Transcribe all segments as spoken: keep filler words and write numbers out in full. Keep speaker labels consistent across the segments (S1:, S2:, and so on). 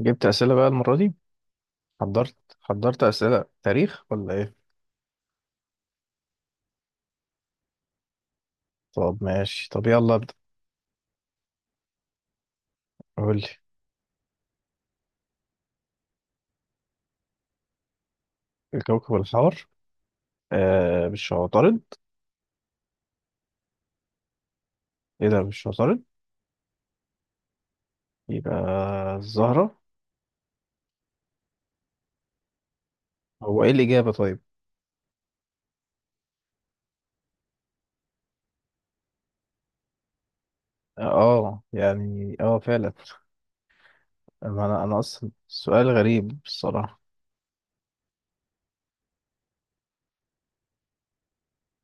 S1: جبت أسئلة بقى المرة دي. حضرت حضرت أسئلة تاريخ ولا إيه؟ طب ماشي، طب يلا ابدأ. قول لي. الكوكب الحار. آه مش عطارد؟ إيه ده، مش عطارد؟ يبقى الزهرة. هو إيه الإجابة طيب؟ آه يعني آه فعلا. أما أنا أنا أصلا سؤال غريب الصراحة.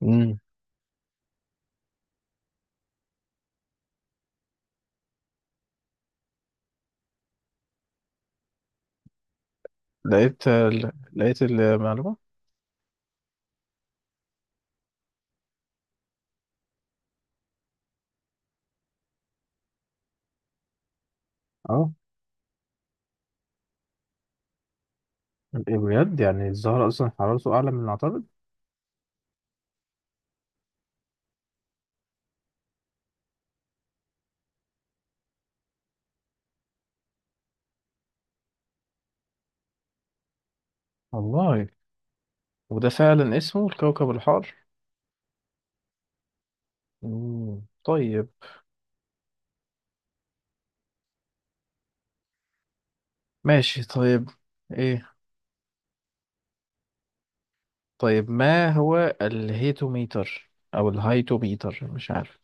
S1: مم. لقيت ال- لقيت المعلومة. اه. إيه بجد؟ يعني الزهرة أصلا حرارته أعلى من العطارد. والله. وده فعلا اسمه الكوكب الحار. مم. طيب. ماشي طيب، ايه؟ طيب، ما هو الهيتوميتر او الهايتوميتر؟ مش عارف.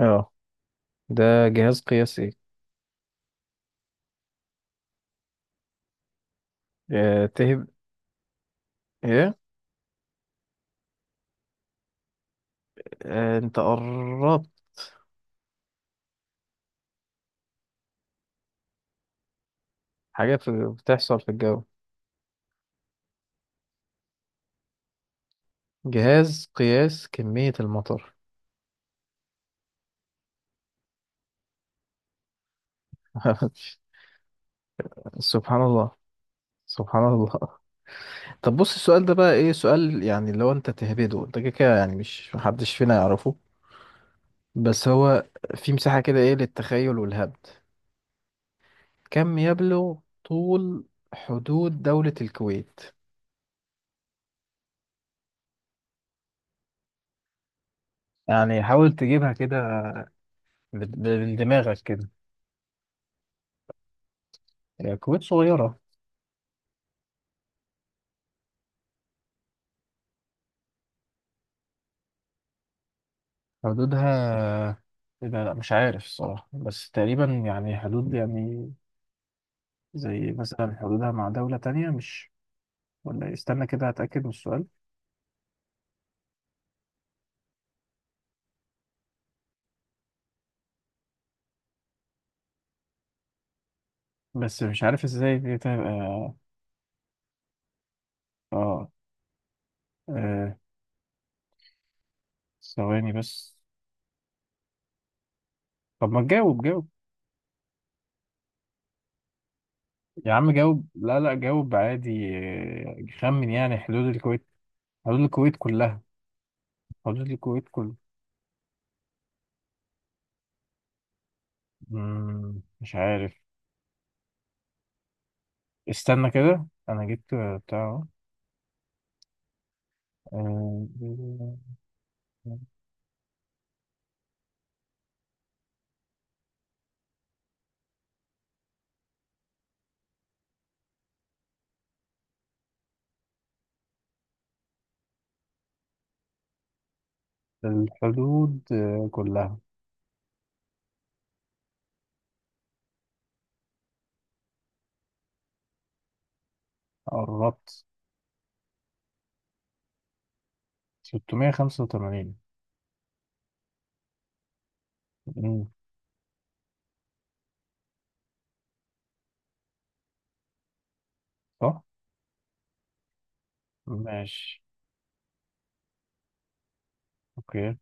S1: اه، ده جهاز قياسي. آه، تهب. ايه؟ آه، انت قربت. حاجة في بتحصل في الجو. جهاز قياس كمية المطر. سبحان الله. سبحان الله. طب بص، السؤال ده بقى ايه سؤال يعني، لو انت تهبده انت كده كده يعني، مش محدش فينا يعرفه. بس هو في مساحة كده، ايه، للتخيل والهبد. كم يبلغ طول حدود دولة الكويت؟ يعني حاول تجيبها كده، بد- من دماغك كده. هي الكويت صغيرة. حدودها؟ لا لا، مش عارف الصراحة، بس تقريبا يعني حدود يعني، زي مثلا حدودها مع دولة تانية مش. ولا استنى كده هتأكد من السؤال. بس مش عارف ازاي دي تبقى. اه. آه، ثواني بس. طب ما تجاوب، جاوب. يا عم جاوب، لا لا، جاوب عادي. آه، خمن يعني حدود الكويت. حدود الكويت كلها. فاضل الكويت كله. مم، مش عارف. استنى كده، أنا جبت بتاع. آه، الحدود آه، كلها. قربت. ستمية وخمسة وتمانين. مم. صح؟ ماشي. أوكي.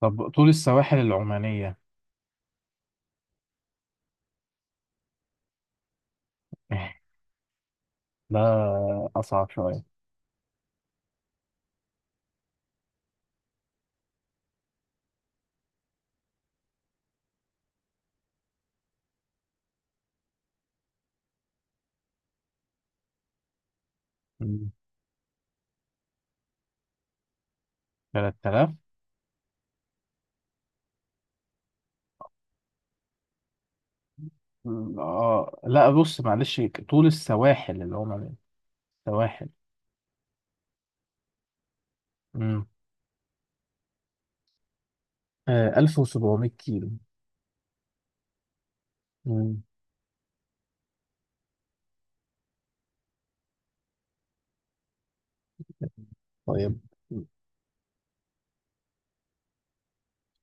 S1: طب طول السواحل العمانية؟ ده أصعب شوية. مم، تلات آلاف. آه لا، بص معلش. طول السواحل اللي هم، السواحل. امم آه ألف وسبعمية كيلو. امم طيب.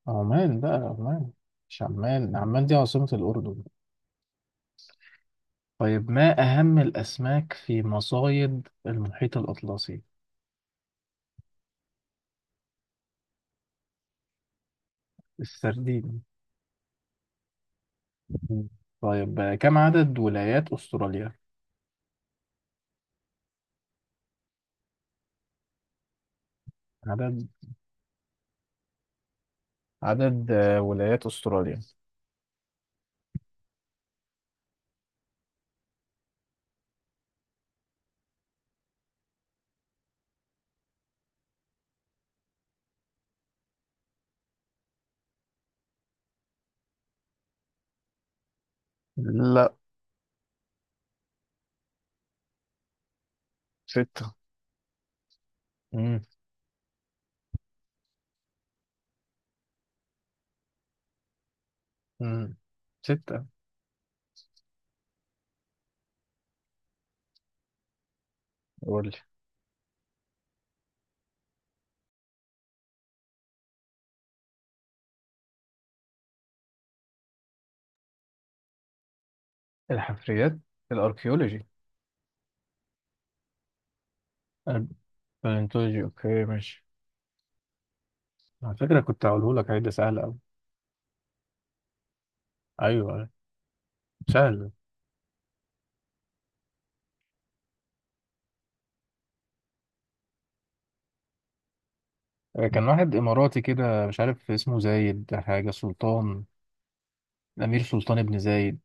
S1: عمان بقى، عمان. مش عمان، عمان دي عاصمة الأردن. طيب ما أهم الأسماك في مصايد المحيط الأطلسي؟ السردين. مم. طيب، آه، كم عدد ولايات أستراليا؟ عدد عدد آه، ولايات أستراليا. لا. ستة؟ مم. مم. ستة. قول لي. الحفريات؟ الأركيولوجي. البالنتولوجي. أوكي ماشي. على فكرة كنت هقوله لك، هيدا سهل أوي. أيوه، سهل. كان واحد إماراتي كده، مش عارف اسمه زايد حاجة سلطان. الأمير سلطان بن زايد.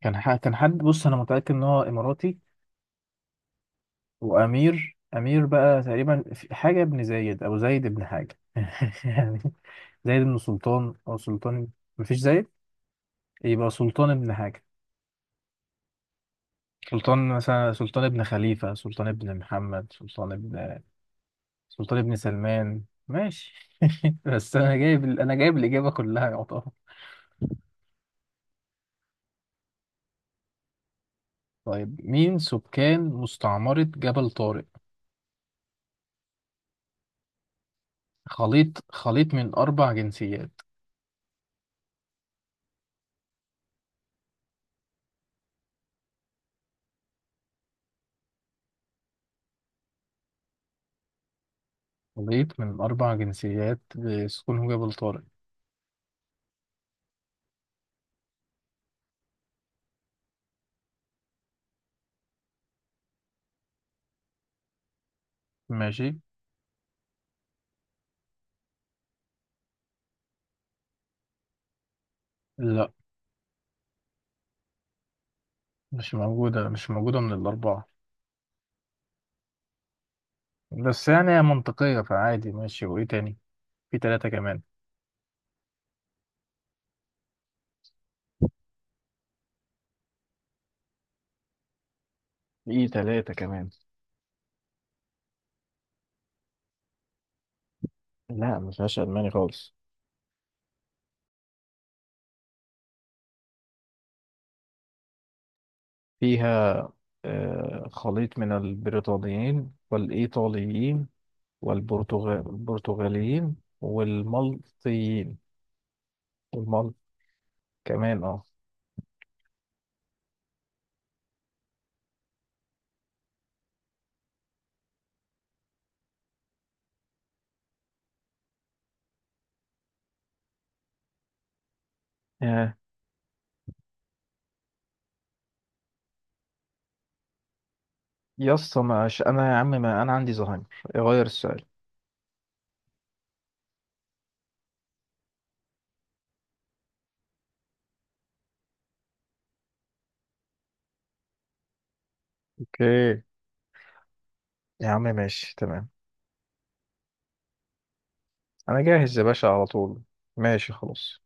S1: كان ح... كان حد، بص أنا متأكد إن هو إماراتي. وأمير أمير بقى، تقريبا في- حاجة ابن زايد أو زايد ابن حاجة. يعني زايد ابن سلطان أو سلطان. مفيش زايد. يبقى سلطان ابن حاجة. سلطان مثلا، سلطان ابن خليفة، سلطان ابن محمد، سلطان ابن. سلطان ابن سلمان. ماشي. بس أنا جايب أنا جايب الإجابة كلها يعتبر. طيب مين سكان مستعمرة جبل طارق؟ خليط خليط من أربع جنسيات. خليط من أربع جنسيات بسكونه جبل طارق. ماشي. لا مش موجودة مش موجودة من الأربعة. بس يعني هي منطقية، فعادي ماشي. وإيه تاني؟ في تلاتة كمان. في ثلاثة كمان. لا، ما فيهاش ألماني خالص. فيها آه، خليط من البريطانيين والإيطاليين والبرتغاليين والمالطيين. والمال كمان. اه. يا يا اسطى، مش انا يا عم، ما انا عندي زهايمر. غير السؤال. اوكي. يا عم ماشي تمام. انا جاهز يا باشا على طول. ماشي خلاص.